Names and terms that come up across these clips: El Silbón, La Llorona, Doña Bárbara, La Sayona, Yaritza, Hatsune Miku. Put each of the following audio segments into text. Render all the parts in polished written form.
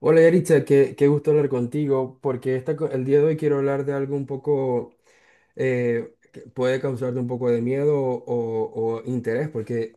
Hola Yaritza, qué gusto hablar contigo, porque el día de hoy quiero hablar de algo un poco que puede causarte un poco de miedo o interés, porque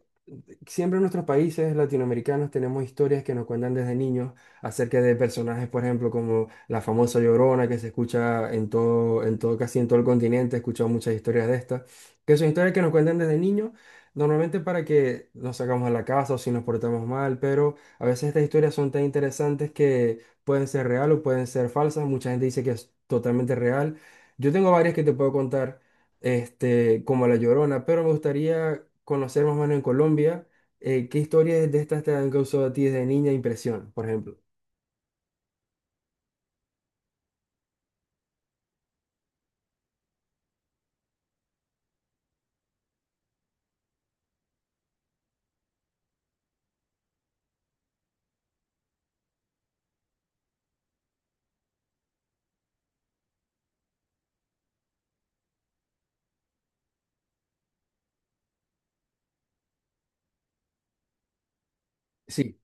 siempre en nuestros países latinoamericanos tenemos historias que nos cuentan desde niños acerca de personajes, por ejemplo, como la famosa Llorona que se escucha en todo, casi en todo el continente, he escuchado muchas historias de estas, que son historias que nos cuentan desde niños, normalmente para que nos sacamos de la casa o si nos portamos mal, pero a veces estas historias son tan interesantes que pueden ser real o pueden ser falsas, mucha gente dice que es totalmente real. Yo tengo varias que te puedo contar, este, como La Llorona, pero me gustaría conocer más o menos en Colombia, ¿qué historias de estas te han causado a ti desde niña impresión, por ejemplo? Sí,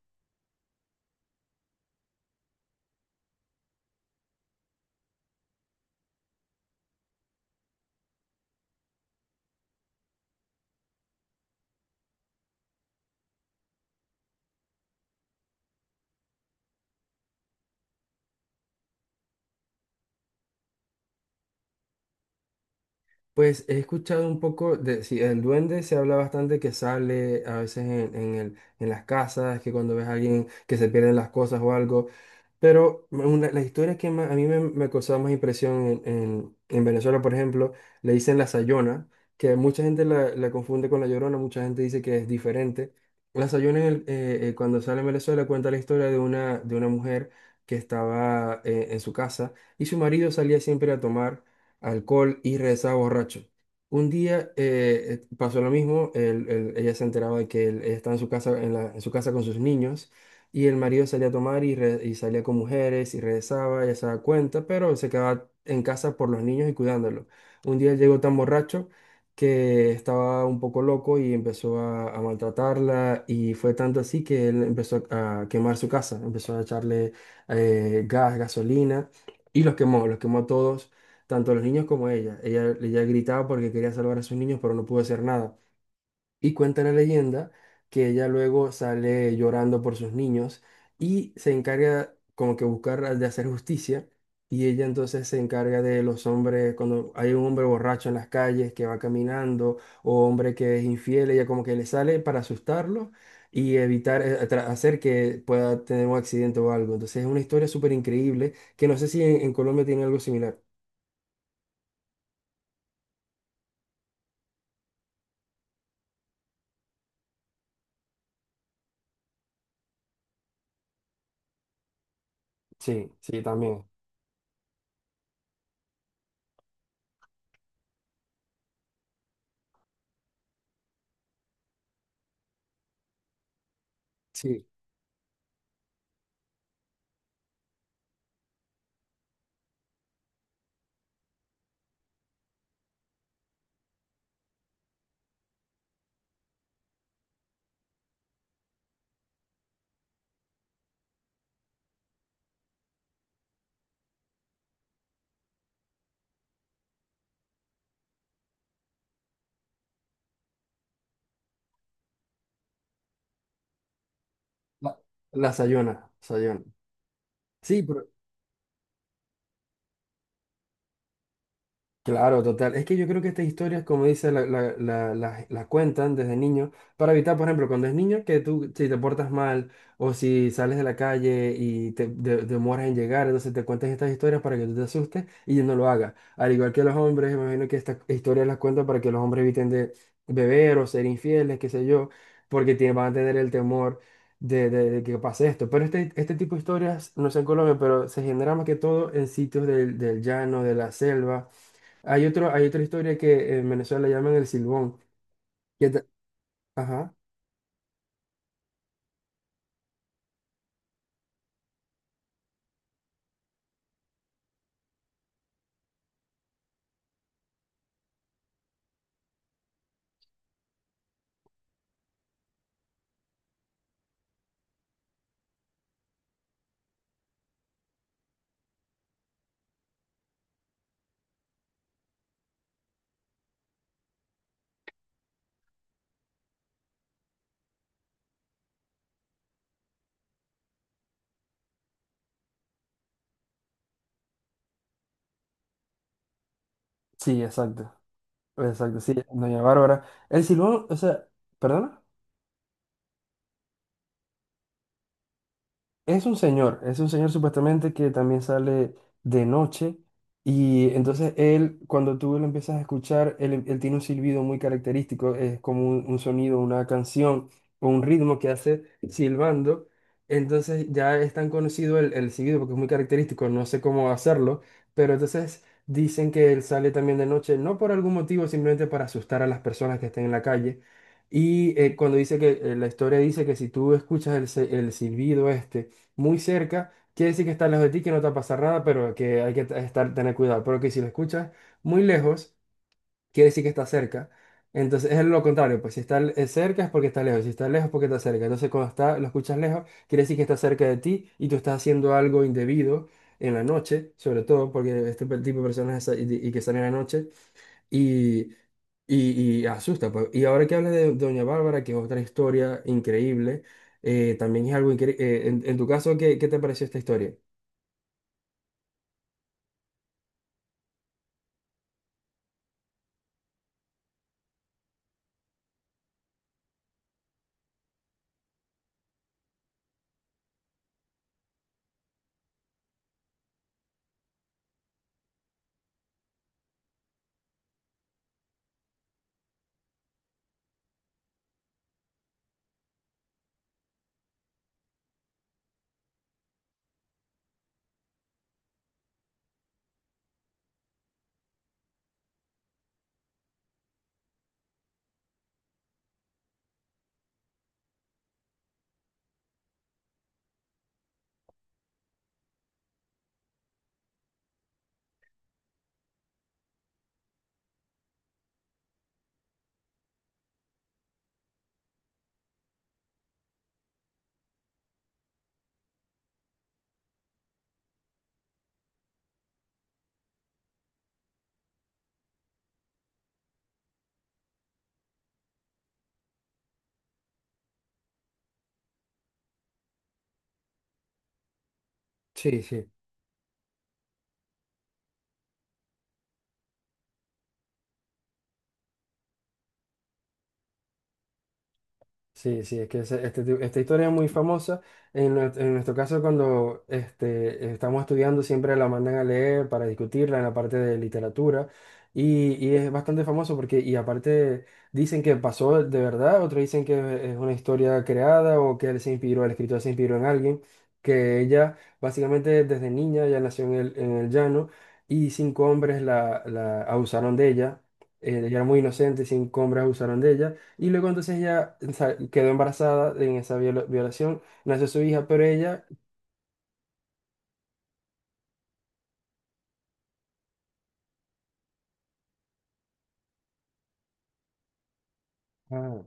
pues he escuchado un poco de, sí, el duende se habla bastante que sale a veces en el, en las casas, que cuando ves a alguien que se pierden las cosas o algo. La historia que a mí me causaba más impresión en, en Venezuela, por ejemplo, le dicen la Sayona, que mucha gente la confunde con la Llorona, mucha gente dice que es diferente. La Sayona, en cuando sale en Venezuela, cuenta la historia de una mujer que estaba en su casa y su marido salía siempre a tomar alcohol y regresaba borracho. Un día pasó lo mismo, ella se enteraba de que él estaba en su casa, en en su casa con sus niños. Y el marido salía a tomar y y salía con mujeres y regresaba, ella se daba cuenta, pero se quedaba en casa por los niños y cuidándolos. Un día él llegó tan borracho que estaba un poco loco y empezó a maltratarla y fue tanto así que él empezó a quemar su casa, empezó a echarle gasolina y los quemó a todos, tanto a los niños como a ella. Ella gritaba porque quería salvar a sus niños, pero no pudo hacer nada. Y cuenta la leyenda que ella luego sale llorando por sus niños y se encarga como que buscar de hacer justicia. Y ella entonces se encarga de los hombres, cuando hay un hombre borracho en las calles que va caminando o hombre que es infiel, ella como que le sale para asustarlo y evitar, hacer que pueda tener un accidente o algo. Entonces es una historia súper increíble que no sé si en, en Colombia tiene algo similar. Sí, sí, también. Sí, la, la Sayona, Sayona. Sí, pero claro, total. Es que yo creo que estas historias, como dice, las cuentan desde niño para evitar, por ejemplo, cuando es niño, que tú, si te portas mal o si sales de la calle y te demoras en llegar, entonces te cuentan estas historias para que tú te asustes y no lo hagas. Al igual que los hombres, me imagino que estas historias las cuentan para que los hombres eviten de beber o ser infieles, qué sé yo, porque van a tener el temor de, de que pase esto. Pero este tipo de historias, no sé en Colombia, pero se genera más que todo en sitios del, del llano, de la selva. Hay otro, hay otra historia que en Venezuela llaman el silbón. que ta- Ajá. Sí, exacto. Exacto, sí, doña Bárbara. El silbón, o sea, ¿perdona? Es un señor supuestamente que también sale de noche y entonces él, cuando tú lo empiezas a escuchar, él tiene un silbido muy característico, es como un sonido, una canción o un ritmo que hace silbando. Entonces ya es tan conocido el silbido porque es muy característico, no sé cómo hacerlo, pero entonces dicen que él sale también de noche, no por algún motivo, simplemente para asustar a las personas que estén en la calle. Y cuando dice que la historia dice que si tú escuchas el silbido este, muy cerca, quiere decir que está lejos de ti, que no te va a pasar nada, pero que hay que estar, tener cuidado. Pero que si lo escuchas muy lejos, quiere decir que está cerca. Entonces es lo contrario, pues si está cerca es porque está lejos, si está lejos es porque está cerca. Entonces cuando está, lo escuchas lejos, quiere decir que está cerca de ti y tú estás haciendo algo indebido en la noche, sobre todo porque este tipo de personas que salen en la noche. Y, y asusta, pues. Y ahora que hablas de Doña Bárbara, que es otra historia increíble, también es algo increíble. En tu caso, ¿qué te pareció esta historia? Sí, sí. Sí, sí, es que esta historia es muy famosa. En, en nuestro caso, cuando este, estamos estudiando, siempre la mandan a leer para discutirla en la parte de literatura. Y es bastante famoso porque, y aparte, dicen que pasó de verdad, otros dicen que es una historia creada o que él se inspiró, el escritor se inspiró en alguien, que ella básicamente desde niña ya nació en el llano y cinco hombres la abusaron de ella. Ella era muy inocente, cinco hombres abusaron de ella. Y luego entonces ella, o sea, quedó embarazada en esa violación, nació su hija, pero ella... Ah.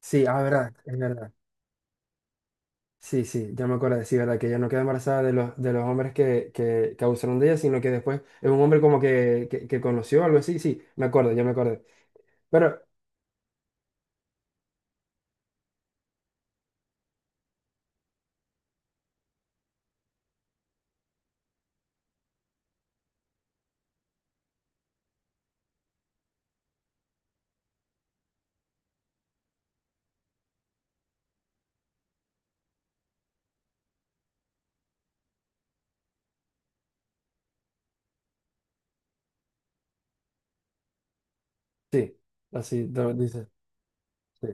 Sí, ah, verdad, es verdad. Sí, sí, ya me acuerdo, sí, verdad, que ella no queda embarazada de los hombres que abusaron de ella, sino que después es un hombre como que, que conoció, algo así, sí, me acuerdo, ya me acordé. Pero sí, así lo dice. Sí,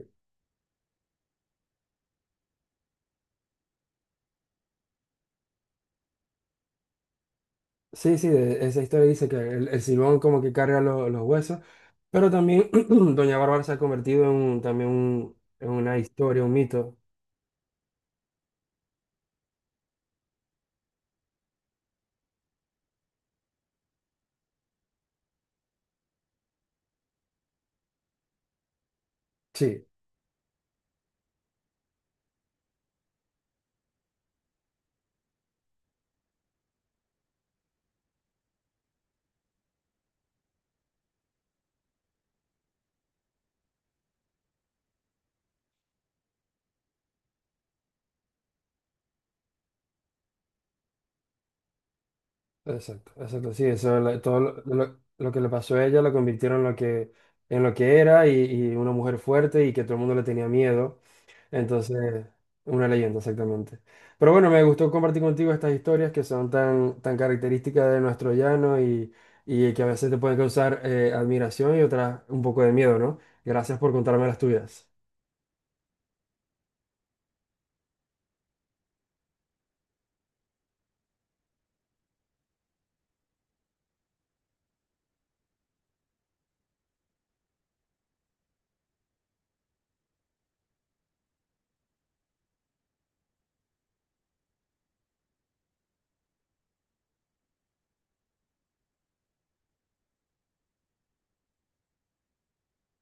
sí, sí, esa historia dice que el Silbón como que carga los huesos, pero también Doña Bárbara se ha convertido en en una historia, un mito. Sí. Exacto, exacto, sí, eso, todo lo, lo que le pasó a ella la convirtieron en lo que era y una mujer fuerte y que todo el mundo le tenía miedo. Entonces, una leyenda, exactamente. Pero bueno, me gustó compartir contigo estas historias que son tan, tan características de nuestro llano y que a veces te pueden causar admiración y otras un poco de miedo, ¿no? Gracias por contarme las tuyas.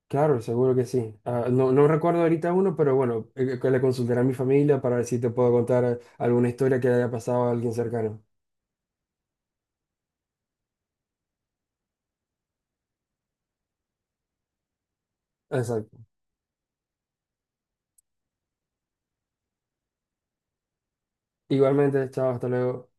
Claro, seguro que sí. Ah, no, no recuerdo ahorita uno, pero bueno, que le consultaré a mi familia para ver si te puedo contar alguna historia que haya pasado a alguien cercano. Exacto. Igualmente, chao, hasta luego.